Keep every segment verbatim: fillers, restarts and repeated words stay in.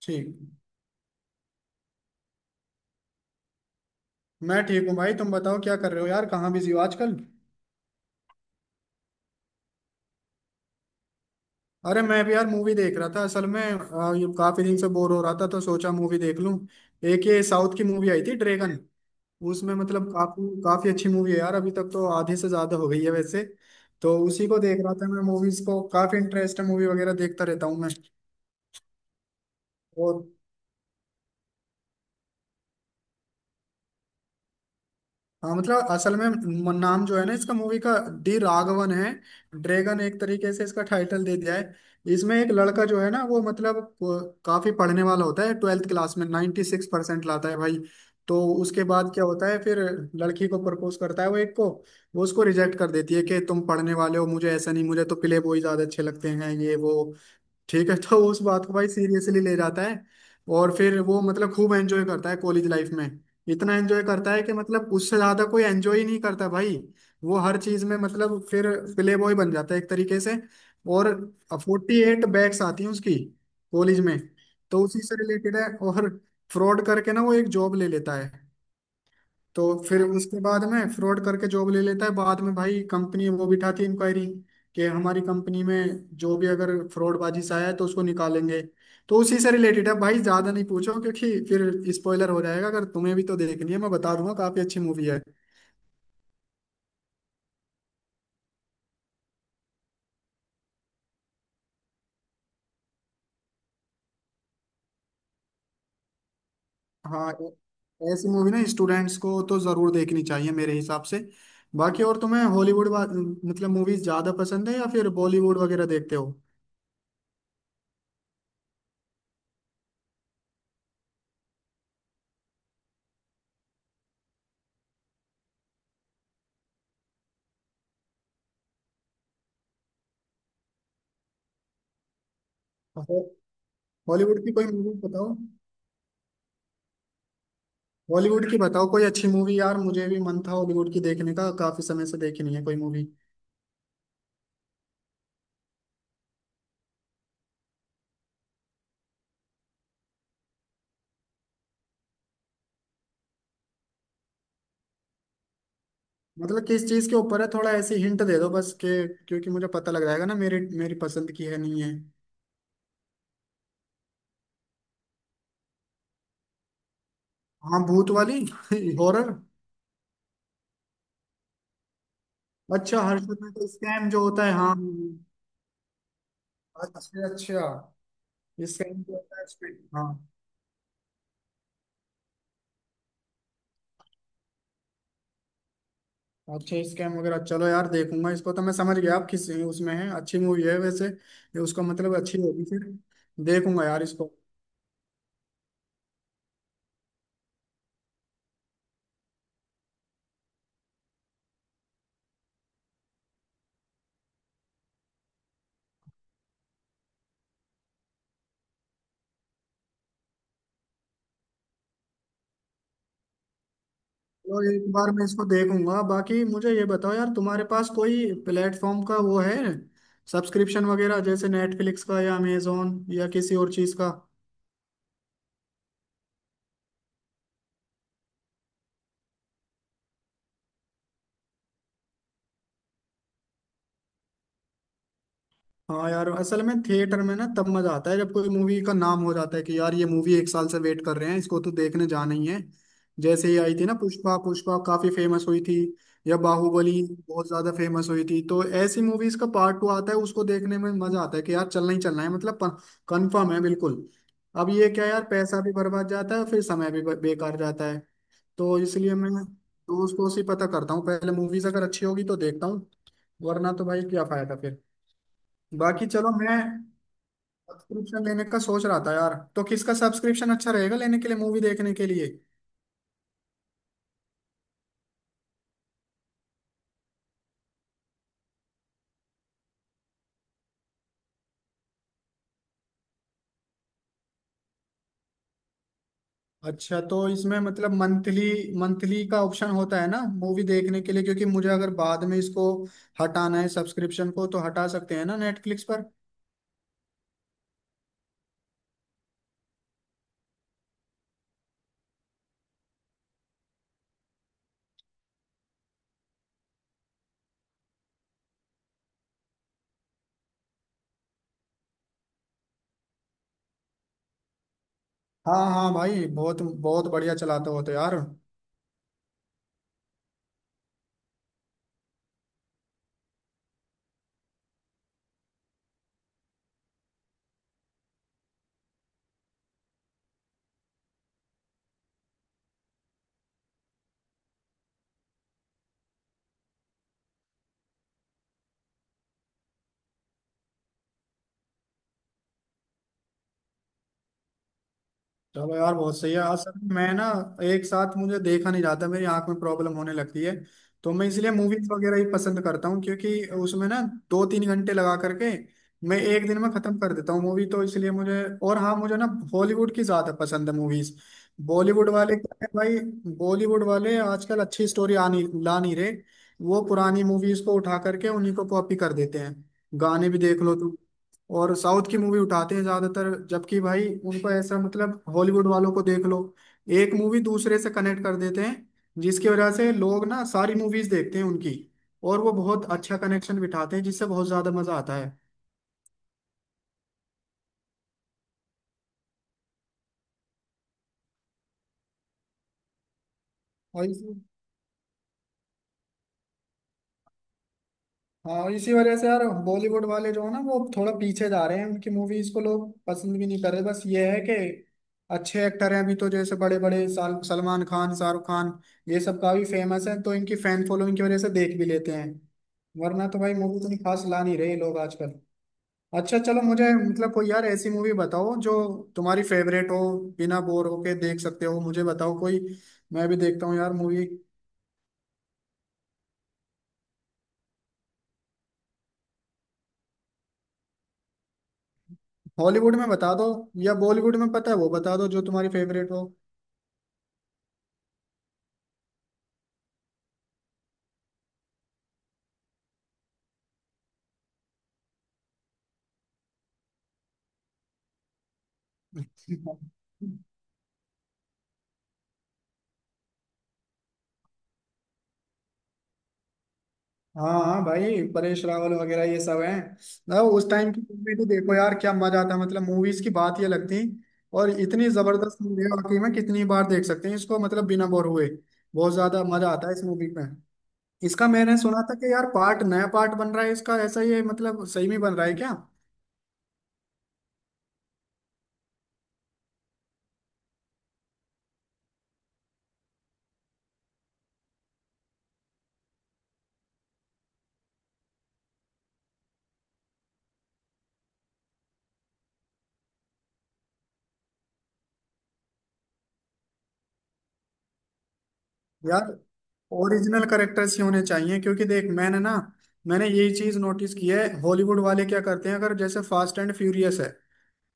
ठीक। मैं ठीक हूँ भाई, तुम बताओ क्या कर रहे हो यार, कहाँ बिजी हो आजकल। अरे मैं भी यार मूवी देख रहा था असल में, अ, ये काफी दिन से बोर हो रहा था तो सोचा मूवी देख लूँ। एक ये साउथ की मूवी आई थी, ड्रैगन। उसमें मतलब काफी काफी अच्छी मूवी है यार, अभी तक तो आधे से ज्यादा हो गई है वैसे। तो उसी को देख रहा था मैं, मूवीज को काफी इंटरेस्ट है, मूवी वगैरह देखता रहता हूँ मैं। और हाँ मतलब असल में म- नाम जो है ना इसका मूवी का, डी राघवन है। ड्रैगन एक तरीके से इसका टाइटल दे दिया है। इसमें एक लड़का जो है ना वो मतलब वो काफी पढ़ने वाला होता है, ट्वेल्थ क्लास में ninety six percent six percent लाता है भाई। तो उसके बाद क्या होता है फिर लड़की को प्रपोज करता है वो, एक को। वो उसको रिजेक्ट कर देती है कि तुम पढ़ने वाले हो, मुझे ऐसा नहीं, मुझे तो प्ले बॉय ज्यादा अच्छे लगते हैं, ये वो। ठीक है तो उस बात को भाई सीरियसली ले जाता है। और फिर वो मतलब खूब एंजॉय करता है कॉलेज लाइफ में। इतना एंजॉय करता है कि मतलब उससे ज्यादा कोई एंजॉय ही नहीं करता भाई। वो हर चीज में मतलब फिर प्ले बॉय बन जाता है एक तरीके से। और फोर्टी एट बैग्स आती हैं उसकी, कॉलेज में। तो उसी से रिलेटेड है। और फ्रॉड करके ना वो एक जॉब ले लेता है। तो फिर उसके बाद में फ्रॉड करके जॉब ले लेता है, बाद में भाई कंपनी वो बिठाती है इंक्वायरी कि हमारी कंपनी में जो भी अगर फ्रॉडबाजी से आया है तो उसको निकालेंगे। तो उसी से रिलेटेड है भाई, ज्यादा नहीं पूछो क्योंकि फिर स्पॉइलर हो जाएगा, अगर तुम्हें भी तो देखनी है, मैं बता दूंगा, काफी अच्छी मूवी है। हाँ ए- ऐसी मूवी ना स्टूडेंट्स को तो जरूर देखनी चाहिए मेरे हिसाब से। बाकी और तुम्हें हॉलीवुड वा- मतलब मूवीज ज्यादा पसंद है या फिर बॉलीवुड वगैरह देखते हो? हो- हॉलीवुड की कोई मूवी बताओ। हॉलीवुड की बताओ कोई अच्छी मूवी यार, मुझे भी मन था हॉलीवुड की देखने का, काफी समय से देखी नहीं है कोई मूवी। मतलब किस चीज के ऊपर है, थोड़ा ऐसी हिंट दे दो बस के, क्योंकि मुझे पता लग जाएगा ना मेरी मेरी पसंद की है नहीं है। हाँ, भूत वाली हॉरर। अच्छा, हर्षद मेहता स्कैम जो होता है, हाँ। अच्छा अच्छा। स्कैम जो होता है उसमें, हाँ। अच्छा स्कैम वगैरह, चलो यार देखूंगा इसको, तो मैं समझ गया आप किस उसमें है, अच्छी मूवी है वैसे ये उसका मतलब, अच्छी होगी फिर। देखूंगा यार इसको। चलो एक बार मैं इसको देखूंगा। बाकी मुझे ये बताओ यार तुम्हारे पास कोई प्लेटफॉर्म का वो है, सब्सक्रिप्शन वगैरह जैसे नेटफ्लिक्स का या अमेजोन या किसी और चीज का? हाँ यार असल में थिएटर में ना तब मजा आता है जब कोई मूवी का नाम हो जाता है कि यार ये मूवी एक साल से वेट कर रहे हैं इसको तो देखने जाना ही है। जैसे ही आई थी ना पुष्पा, पुष्पा काफी फेमस हुई थी। या बाहुबली बहुत ज्यादा फेमस हुई थी। तो ऐसी मूवीज का पार्ट टू आता है उसको देखने में मजा आता है कि यार चलना ही चलना है मतलब, कंफर्म है बिल्कुल। अब ये क्या यार पैसा भी बर्बाद जाता है फिर समय भी ब- बेकार जाता है। तो इसलिए मैं दोस्त को ही पता करता हूँ पहले, मूवीज अगर अच्छी होगी तो देखता हूँ, वरना तो भाई क्या फायदा फिर। बाकी चलो मैं सब्सक्रिप्शन लेने का सोच रहा था यार, तो किसका सब्सक्रिप्शन अच्छा रहेगा लेने के लिए, मूवी देखने के लिए? अच्छा तो इसमें मतलब मंथली, मंथली का ऑप्शन होता है ना मूवी देखने के लिए, क्योंकि मुझे अगर बाद में इसको हटाना है सब्सक्रिप्शन को तो हटा सकते हैं ना नेटफ्लिक्स पर? हाँ हाँ भाई बहुत बहुत बढ़िया चलाते हो तो यार। चलो यार बहुत सही है। असल में मैं ना एक साथ मुझे देखा नहीं जाता, मेरी आंख में प्रॉब्लम होने लगती है। तो मैं इसलिए मूवीज वगैरह ही पसंद करता हूँ क्योंकि उसमें ना दो तीन घंटे लगा करके मैं एक दिन में खत्म कर देता हूँ मूवी, तो इसलिए मुझे, और हाँ मुझे ना हॉलीवुड की ज्यादा पसंद है मूवीज। बॉलीवुड वाले क्या है भाई, बॉलीवुड वाले आजकल अच्छी स्टोरी आ नहीं, ला नहीं रहे। वो पुरानी मूवीज को उठा करके उन्हीं को कॉपी कर देते हैं, गाने भी देख लो। और साउथ की मूवी उठाते हैं ज्यादातर, जबकि भाई उनको ऐसा मतलब, हॉलीवुड वालों को देख लो, एक मूवी दूसरे से कनेक्ट कर देते हैं जिसकी वजह से लोग ना सारी मूवीज देखते हैं उनकी, और वो बहुत अच्छा कनेक्शन बिठाते हैं जिससे बहुत ज्यादा मजा आता है भाई। हाँ इसी वजह से यार बॉलीवुड वाले जो है ना वो थोड़ा पीछे जा रहे हैं, उनकी मूवीज को लोग पसंद भी नहीं कर रहे, बस ये है कि अच्छे एक्टर हैं अभी तो जैसे बड़े बड़े साल सलमान खान, शाहरुख खान, ये सब काफी फेमस है तो इनकी फैन फॉलोइंग की वजह से देख भी लेते हैं, वरना तो भाई मूवी इतनी खास ला नहीं रहे लोग आजकल। अच्छा चलो मुझे मतलब कोई यार ऐसी मूवी बताओ जो तुम्हारी फेवरेट हो, बिना बोर होके देख सकते हो, मुझे बताओ कोई, मैं भी देखता हूँ यार मूवी। हॉलीवुड में बता दो या बॉलीवुड में पता है वो बता दो जो तुम्हारी फेवरेट हो। हाँ हाँ भाई परेश रावल वगैरह ये सब हैं ना उस टाइम की मूवी तो, देखो यार क्या मजा आता मतलब, मूवीज की बात ये लगती, और इतनी जबरदस्त मूवी है वाकई में, कितनी बार देख सकते हैं इसको मतलब बिना बोर हुए, बहुत ज्यादा मजा आता है इस मूवी में। इसका मैंने सुना था कि यार पार्ट, नया पार्ट बन रहा है इसका ऐसा, ये मतलब सही में बन रहा है क्या? यार ओरिजिनल करेक्टर्स ही होने चाहिए, क्योंकि देख मैंने ना, मैंने यही चीज नोटिस की है हॉलीवुड वाले क्या करते हैं अगर जैसे फास्ट एंड फ्यूरियस है,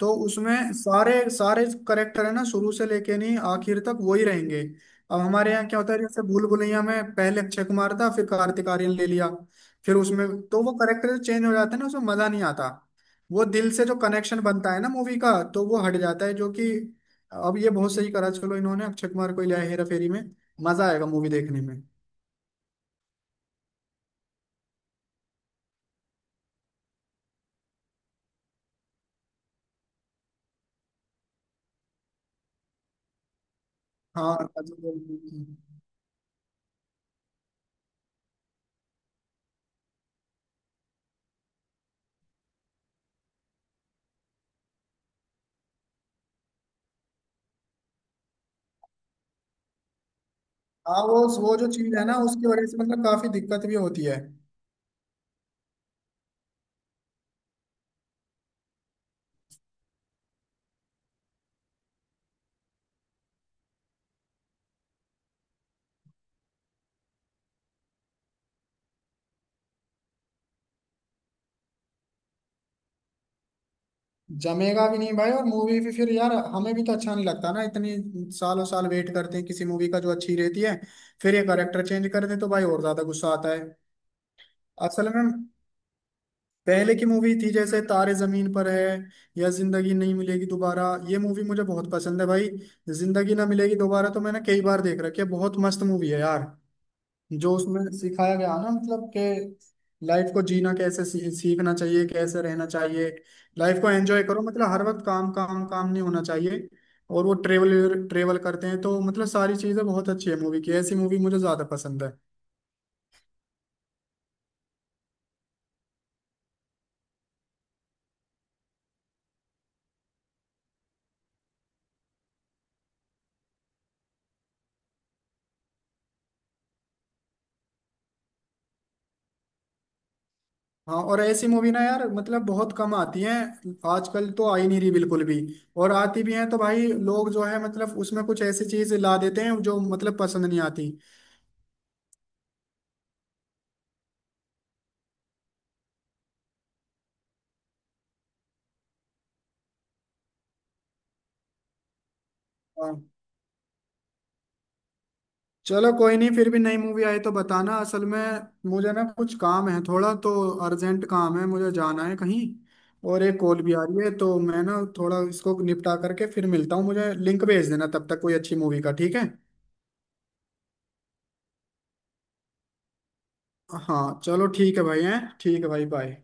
तो उसमें सारे सारे करेक्टर है ना शुरू से लेके नहीं आखिर तक वही रहेंगे। अब हमारे यहाँ क्या होता है जैसे भूल भुलैया में पहले अक्षय कुमार था फिर कार्तिक आर्यन ले लिया, फिर उसमें तो वो करेक्टर चेंज हो जाते हैं ना उसमें मजा नहीं आता, वो दिल से जो कनेक्शन बनता है ना मूवी का तो वो हट जाता है जो कि। अब ये बहुत सही करा चलो इन्होंने अक्षय कुमार को लिया है हेरा फेरी में, मजा आएगा मूवी देखने में। हाँ अजय देवगन की। हाँ वो वो जो चीज है ना उसकी वजह से मतलब काफी दिक्कत भी होती है। जमेगा भी नहीं भाई और मूवी भी फिर यार हमें भी तो अच्छा नहीं लगता ना, इतनी सालों साल वेट करते हैं किसी मूवी का जो अच्छी रहती है, फिर ये करेक्टर चेंज कर दे तो भाई और ज्यादा गुस्सा आता है। असल में पहले की मूवी थी जैसे तारे जमीन पर है या जिंदगी नहीं मिलेगी दोबारा, ये मूवी मुझे बहुत पसंद है भाई। जिंदगी ना मिलेगी दोबारा तो मैंने कई बार देख रखी है, बहुत मस्त मूवी है यार। जो उसमें सिखाया गया ना मतलब कि लाइफ को जीना कैसे सी- सीखना चाहिए, कैसे रहना चाहिए, लाइफ को एंजॉय करो मतलब, हर वक्त काम काम काम नहीं होना चाहिए। और वो ट्रेवल ट्रेवल करते हैं तो मतलब सारी चीजें बहुत अच्छी है मूवी की, ऐसी मूवी मुझे ज्यादा पसंद है। हाँ और ऐसी मूवी ना यार मतलब बहुत कम आती हैं, आजकल तो आई नहीं रही बिल्कुल भी, और आती भी हैं तो भाई लोग जो है मतलब उसमें कुछ ऐसी चीज ला देते हैं जो मतलब पसंद नहीं आती। हाँ। चलो कोई नहीं, फिर भी नई मूवी आई तो बताना। असल में मुझे ना कुछ काम है थोड़ा तो, अर्जेंट काम है मुझे जाना है कहीं, और एक कॉल भी आ रही है तो मैं ना थोड़ा इसको निपटा करके फिर मिलता हूँ, मुझे लिंक भेज देना तब तक कोई अच्छी मूवी का, ठीक है? हाँ चलो ठीक है भाई, हैं ठीक है भाई, बाय।